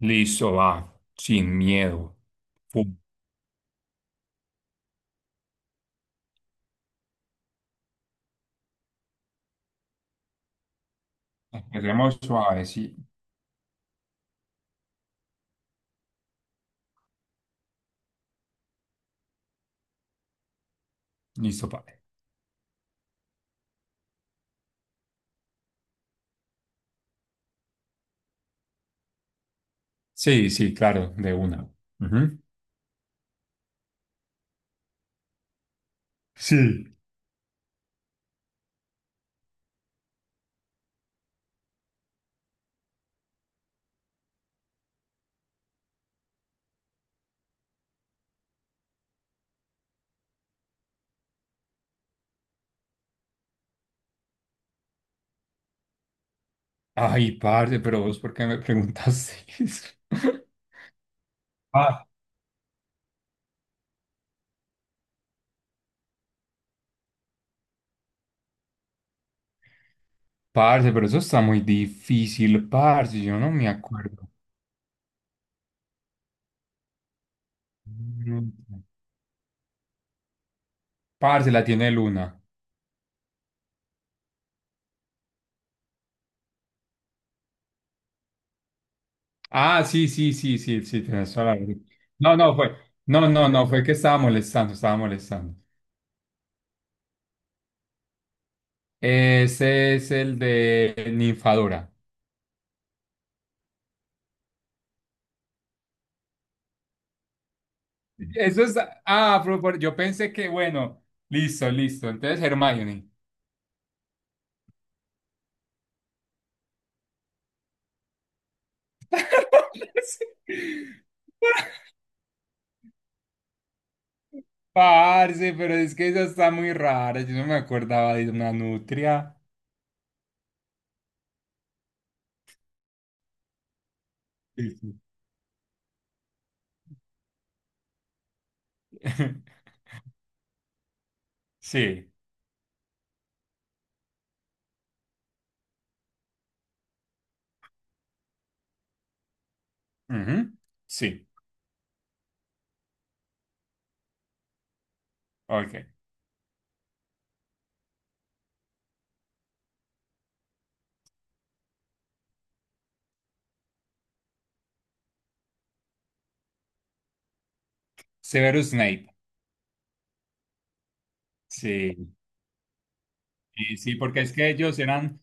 Listo, va, sin miedo. Pum. Empecemos suave, sí. Listo, padre. Sí, sí, claro, de una. Ujú. Sí. Ay, parce, pero vos, ¿por qué me preguntaste eso? Ah, parce, pero eso está muy difícil, parce, yo no me acuerdo. Mm, parce, la tiene Luna. Ah, sí, sí, sí, sí, sí, tenés toda la razón. No, no, fue, no, no, no, fue que estaba molestando, estaba molestando. Ese es el de Ninfadora. Eso es. Ah, pero yo pensé que, bueno, listo, listo. Entonces, Hermione. Parce, pero es que eso está muy raro. Yo no me acordaba de una nutria. Sí. Sí. Sí. Ujú. Sí. Ok. Severus Snape. Sí. Sí, sí, porque es que ellos eran,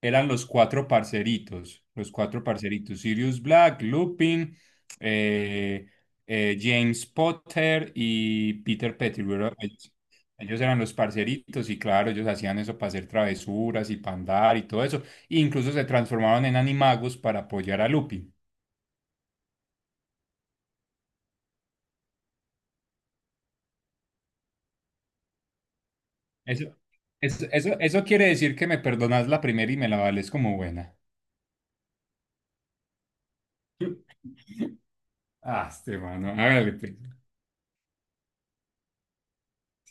eran los cuatro parceritos, Sirius Black, Lupin, eh, James Potter y Peter Pettigrew. Ellos, ellos eran los parceritos y claro, ellos hacían eso para hacer travesuras y para andar y todo eso. E incluso se transformaron en animagos para apoyar a Lupin. Eso, eso quiere decir que me perdonas la primera y me la vales como buena. Ah, este mano, hágale pues.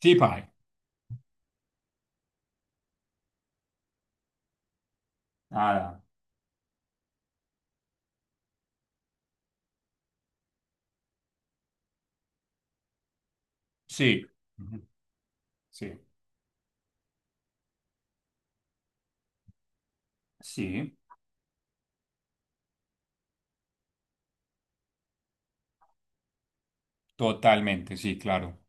Sí, pa. Nada. Sí, ujú, sí, sí, totalmente, sí, claro.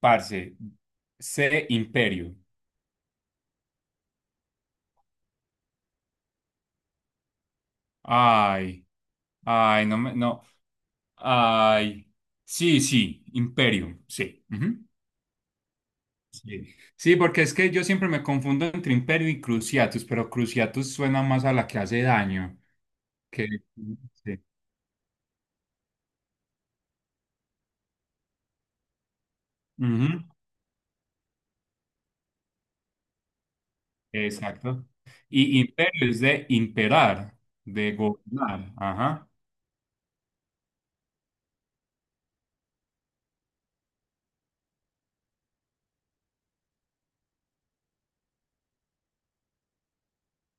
Parce, C Imperio. Ay, ay, no me, no, ay. Sí, sí, Imperio, sí, ujú. Sí. Sí, porque es que yo siempre me confundo entre Imperio y Cruciatus, pero Cruciatus suena más a la que hace daño que... sí. Ujú, exacto. Y Imperio es de imperar, de gobernar. Ajá.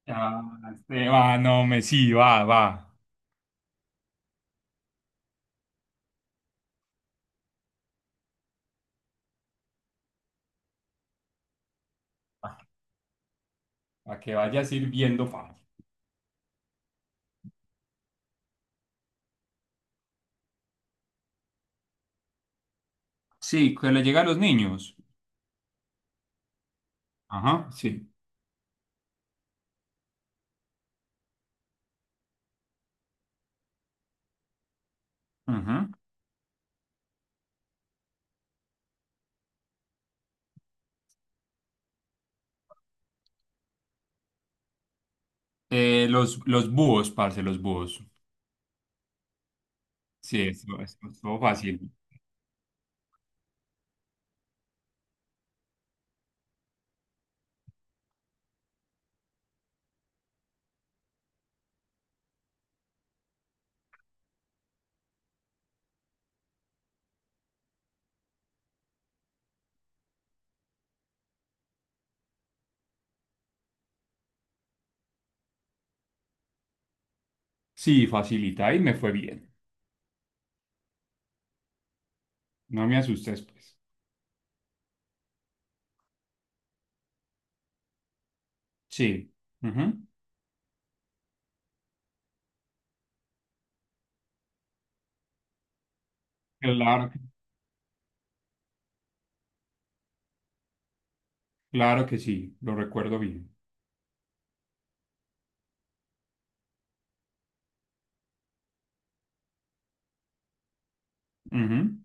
Ah, este, va, no, me sí, va, va. Para que vaya sirviendo fácil. Sí, que le llega a los niños. Ajá, sí. Ajá. Los búhos, parce, los búhos. Sí, eso estuvo fácil. Sí, facilita y me fue bien. No me asustes, pues. Sí. Ujú. Claro, claro que sí, lo recuerdo bien. Ujú.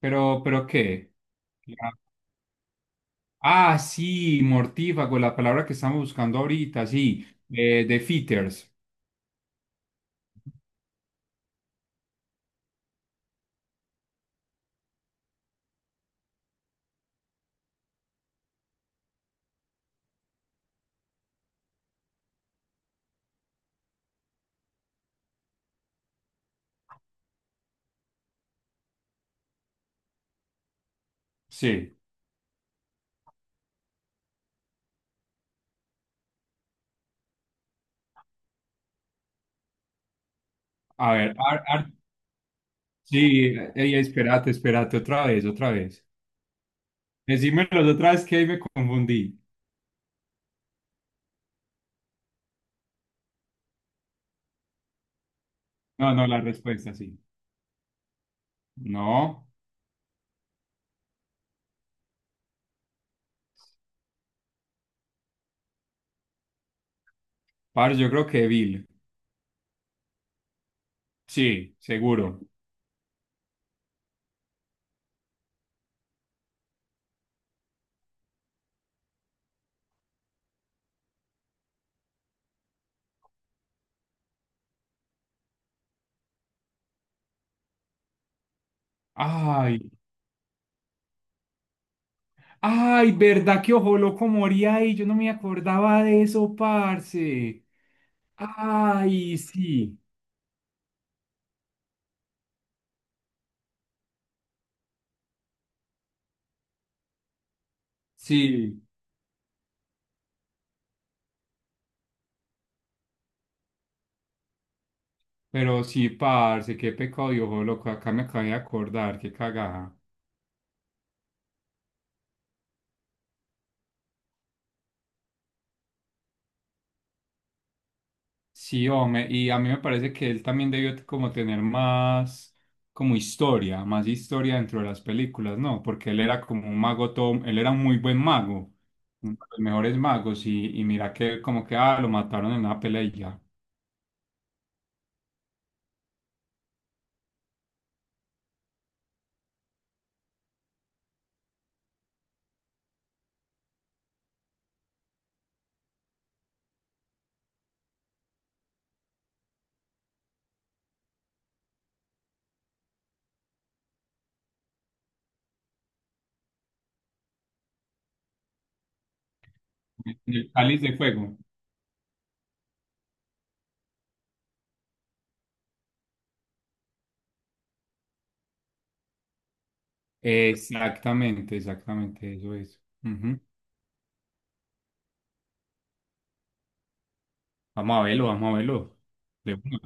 Pero ¿qué? La- Ah, sí, mortífago, la palabra que estamos buscando ahorita, sí. De fitters. Sí. A ver, sí, ey, espérate, espérate, otra vez, otra vez. Decímelo otra vez que ahí me confundí. No, no, la respuesta sí. No, par, yo creo que Bill. Sí, seguro. Ay, ay, ¿verdad que Ojo Loco moría ahí? Yo no me acordaba de eso, parce. Ay, sí, sí, pero sí, parce, qué pecado y Ojo Loco, acá me acabé de acordar, qué cagada. Sí, hombre, y a mí me parece que él también como tener más como historia, más historia dentro de las películas, ¿no? Porque él era como un mago todo, él era un muy buen mago, uno de los mejores magos, y mira que como que ah, lo mataron en una pelea y ya. En El cáliz de fuego. Exactamente, exactamente, eso es. Ujú. Vamos a verlo, vamos a verlo. De una.